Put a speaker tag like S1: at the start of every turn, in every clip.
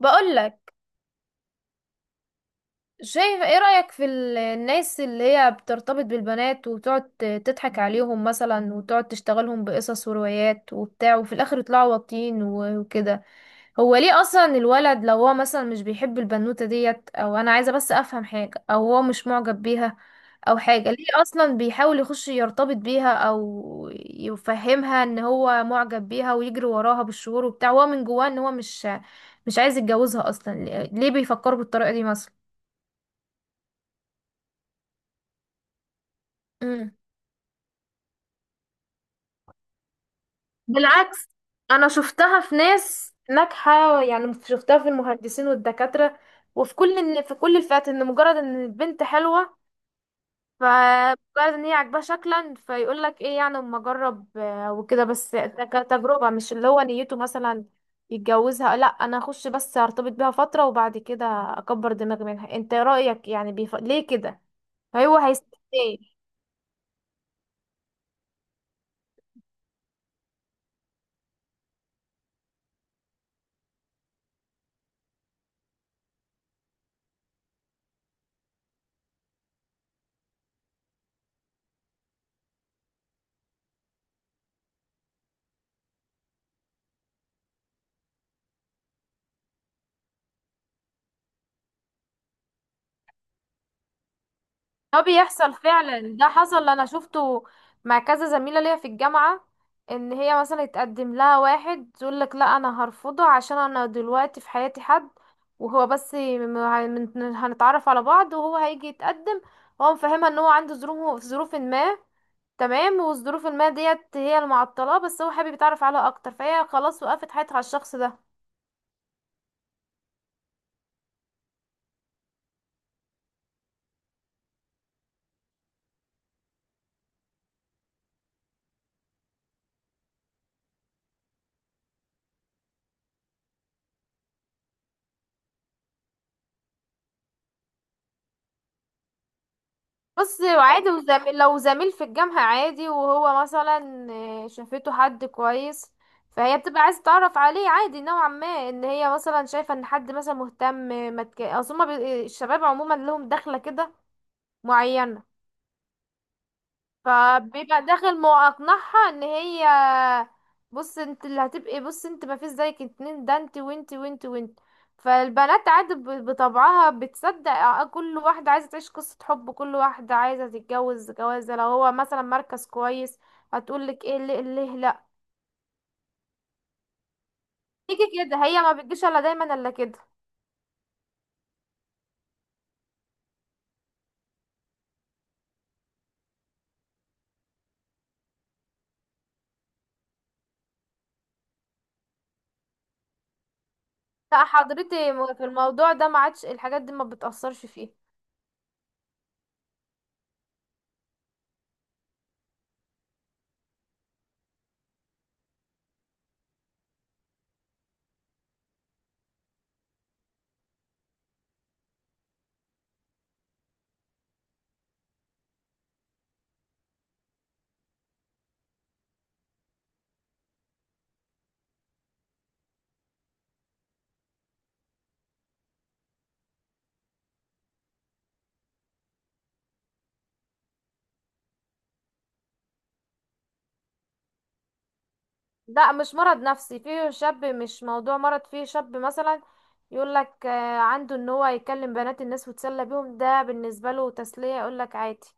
S1: بقولك، شايف ايه رأيك في الناس اللي هي بترتبط بالبنات وتقعد تضحك عليهم مثلا، وتقعد تشتغلهم بقصص وروايات وبتاع، وفي الاخر يطلعوا واطيين وكده. هو ليه اصلا الولد لو هو مثلا مش بيحب البنوتة ديت، او انا عايزة بس افهم حاجة، او هو مش معجب بيها او حاجة، ليه اصلا بيحاول يخش يرتبط بيها او يفهمها ان هو معجب بيها ويجري وراها بالشهور وبتاع، وهو من جواه ان هو مش عايز يتجوزها اصلا؟ ليه ليه بيفكروا بالطريقة دي مثلا؟ بالعكس، انا شفتها في ناس ناجحه، يعني شفتها في المهندسين والدكاتره وفي كل إن في كل الفئات، ان مجرد ان البنت حلوه، فمجرد ان هي عاجباه شكلا فيقول لك ايه يعني، اما اجرب وكده، بس ده كتجربه، مش اللي هو نيته مثلا يتجوزها، لا، انا اخش بس ارتبط بيها فتره وبعد كده اكبر دماغي منها. انت رايك يعني ليه كده؟ هو هيستفيد إيه؟ ده بيحصل فعلا، ده حصل، انا شفته مع كذا زميله ليا في الجامعه، ان هي مثلا يتقدم لها واحد تقول لك لا انا هرفضه عشان انا دلوقتي في حياتي حد، وهو بس هنتعرف على بعض وهو هيجي يتقدم، هو مفهمها ان هو عنده ظروف ما، تمام، والظروف ما ديت هي اللي معطلاه، بس هو حابب يتعرف عليها اكتر، فهي خلاص وقفت حياتها على الشخص ده. بص، عادي، وزميل لو زميل في الجامعة عادي وهو مثلا آه، شافته حد كويس، فهي بتبقى عايزة تعرف عليه، عادي نوعا ما ان هي مثلا شايفة ان حد مثلا مهتم. ما تك... اصل هما الشباب عموما لهم دخلة كده معينة، فبيبقى داخل ما اقنعها ان هي، بص انت اللي هتبقي، بص انت ما فيش زيك اتنين، ده انت وانت وانت وانت، فالبنات عادي بطبعها بتصدق، كل واحدة عايزة تعيش قصة حب، كل واحدة عايزة تتجوز جوازة لو هو مثلا مركز كويس، هتقولك ايه، ليه ليه لا، تيجي كده، هي ما بتجيش الا دايما الا كده. لا حضرتي، في الموضوع ده ما عادش الحاجات دي ما بتأثرش فيه. لا، مش مرض نفسي، فيه شاب مش موضوع مرض، فيه شاب مثلا يقول لك عنده ان هو يكلم بنات الناس ويتسلى بيهم، ده بالنسبه له تسليه، يقول لك عادي.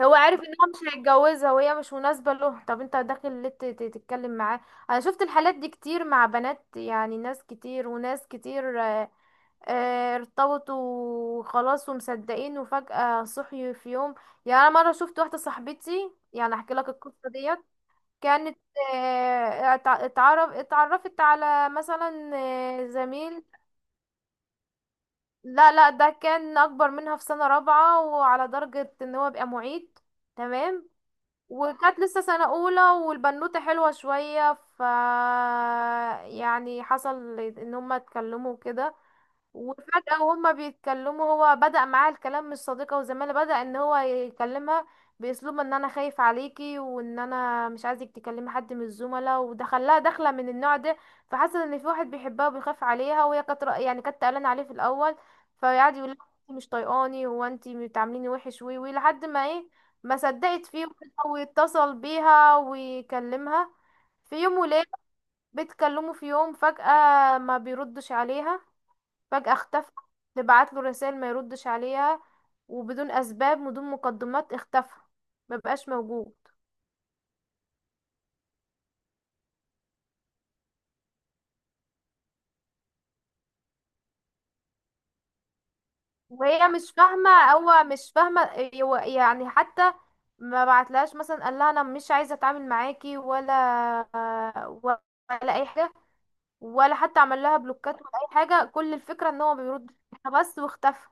S1: هو عارف ان هو مش هيتجوزها وهي مش مناسبه له، طب انت داخل ليه تتكلم معاه؟ انا شفت الحالات دي كتير مع بنات، يعني ناس كتير وناس كتير ارتبطوا وخلاص ومصدقين، وفجأة صحي في يوم. يعني انا مره شفت واحده صاحبتي، يعني احكي لك القصه ديت، كانت اتعرفت على مثلا آه، زميل. لا لا، ده كان اكبر منها في سنة رابعة وعلى درجة ان هو بقى معيد، تمام، وكانت لسه سنة اولى والبنوتة حلوة شوية، ف يعني حصل ان هما اتكلموا كده، وفجأة وهما بيتكلموا هو بدأ معاها الكلام مش صديقة وزميلة، بدأ ان هو يكلمها بأسلوب ان انا خايف عليكي وان انا مش عايزك تكلمي حد من الزملاء، ودخلها دخلة من النوع ده، فحس ان في واحد بيحبها وبيخاف عليها، وهي كانت يعني كانت قلقانة عليه في الاول، فقعد يقول لها انت مش طايقاني، هو انت بتعامليني وحش، وي وي لحد ما ايه، ما صدقت فيه، واتصل بيها ويكلمها في يوم وليلة بيتكلموا، في يوم فجأة ما بيردش عليها، فجأة اختفى، تبعت له رسائل ما يردش عليها، وبدون اسباب بدون مقدمات اختفى، ما بقاش موجود. وهي مش فاهمة، هو مش فاهمة، هو يعني حتى ما بعتلهاش مثلا قال لها انا مش عايزة اتعامل معاكي، ولا ولا اي حاجة، ولا حتى عمل لها بلوكات ولا اي حاجة، كل الفكرة ان هو بيرد بس واختفى.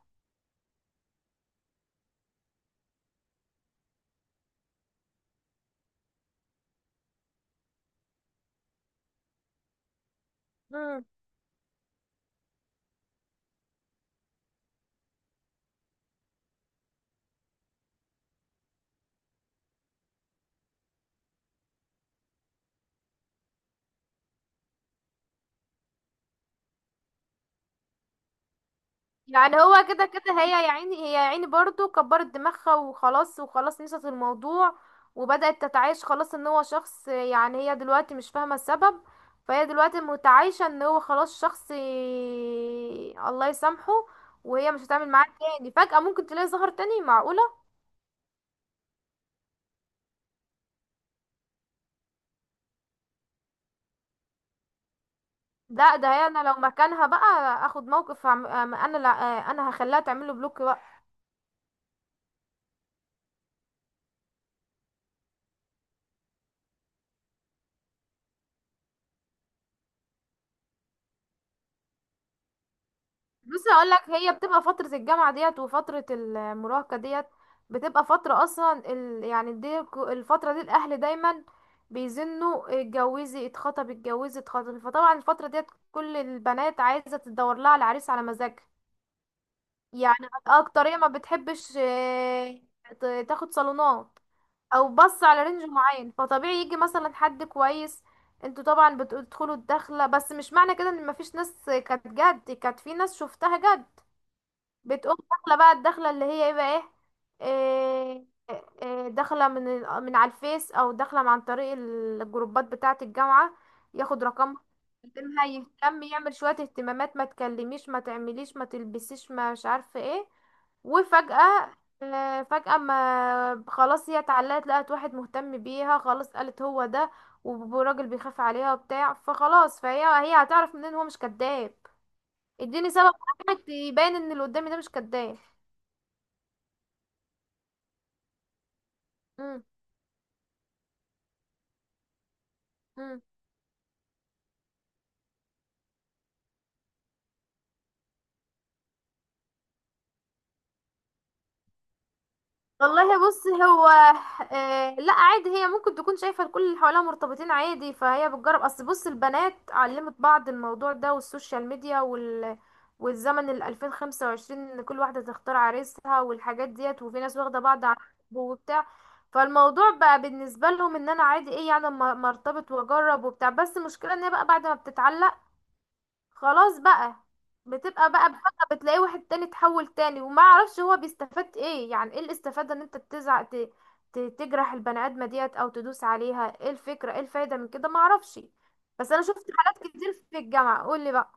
S1: يعني هو كده كده، هي يا عيني، هي يا عيني برضو كبرت دماغها وخلاص، وخلاص نسيت الموضوع، وبدأت تتعايش خلاص ان هو شخص، يعني هي دلوقتي مش فاهمة السبب، فهي دلوقتي متعايشة ان هو خلاص شخص الله يسامحه، وهي مش هتعمل معاه تاني، فجأة ممكن تلاقي ظهر تاني، معقولة؟ لا ده هي انا لو مكانها بقى اخد موقف، انا لا، انا هخليها تعمله بلوك بقى. بص هقول لك، هي بتبقى فترة الجامعة ديت وفترة المراهقة ديت بتبقى فترة اصلا يعني دي الفترة دي الاهل دايما بيزنوا اتجوزي اتخطب اتجوزي اتخطب، فطبعا الفترة ديت كل البنات عايزة تدور لها على عريس على مزاجها، يعني اكترية ما بتحبش تاخد صالونات، او بص على رينج معين، فطبيعي يجي مثلا حد كويس، انتوا طبعا بتدخلوا الدخلة، بس مش معنى كده ان مفيش ناس كانت جد، كانت في ناس شفتها جد، بتقوم داخله بقى الدخله اللي هي ايه بقى، ايه، إيه- إيه، داخله من من على الفيس، او داخله عن طريق الجروبات بتاعه الجامعه، ياخد رقم، يهتمها يهتم يعمل شويه اهتمامات، ما تكلميش ما تعمليش ما تلبسيش ما مش عارفه ايه، وفجاه آه، فجاه ما خلاص هي اتعلقت، لقت واحد مهتم بيها، خلاص قالت هو ده، وراجل بيخاف عليها وبتاع، فخلاص، فهي هي هتعرف منين هو مش كذاب؟ اديني سبب واحد يبين ان اللي قدامي ده مش كذاب. مم. مم. والله بص، هو آه لا عادي، هي ممكن تكون شايفة الكل اللي حواليها مرتبطين عادي، فهي بتجرب، اصل بص البنات علمت بعض الموضوع ده، والسوشيال ميديا وال والزمن ال 2025، ان كل واحدة تختار عريسها والحاجات ديت، وفي ناس واخدة بعض عن حب وبتاع، فالموضوع بقى بالنسبة لهم ان انا عادي، ايه يعني اما، أما ارتبط واجرب وبتاع، بس المشكلة ان هي بقى بعد ما بتتعلق خلاص بقى، بتبقى بقى بفجأة بتلاقي واحد تاني، اتحول تاني، وما اعرفش هو بيستفاد ايه، يعني ايه الاستفادة ان انت تزعق، تجرح البني ادمة ديت او تدوس عليها، ايه الفكرة ايه الفايدة من كده، ما اعرفش، بس انا شفت حالات كتير في الجامعة، قول لي بقى.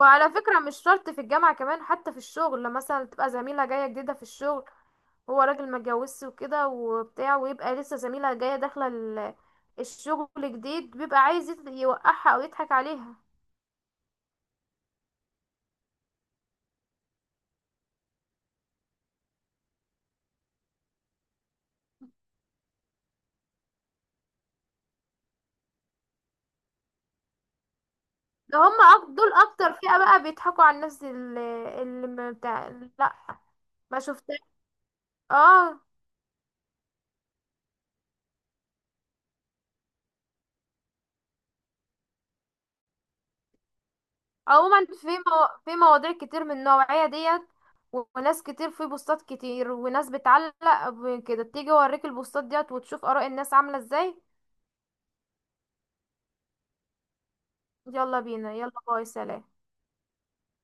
S1: وعلى فكرة مش شرط في الجامعة، كمان حتى في الشغل، لما مثلا تبقى زميلة جاية جديدة في الشغل، هو راجل ما اتجوزش وكده وبتاع، ويبقى لسه زميلة جاية داخلة الشغل جديد، بيبقى عايز يوقعها او يضحك عليها. ده هم دول اكتر فئة بقى، بيضحكوا على الناس اللي ما بتاع، لا ما شفتها، اه عموما في مواضيع كتير من النوعية ديت، وناس كتير في بوستات كتير، وناس بتعلق كده، تيجي اوريك البوستات ديت وتشوف آراء الناس عاملة ازاي. يلا بينا، يلا باي، سلام.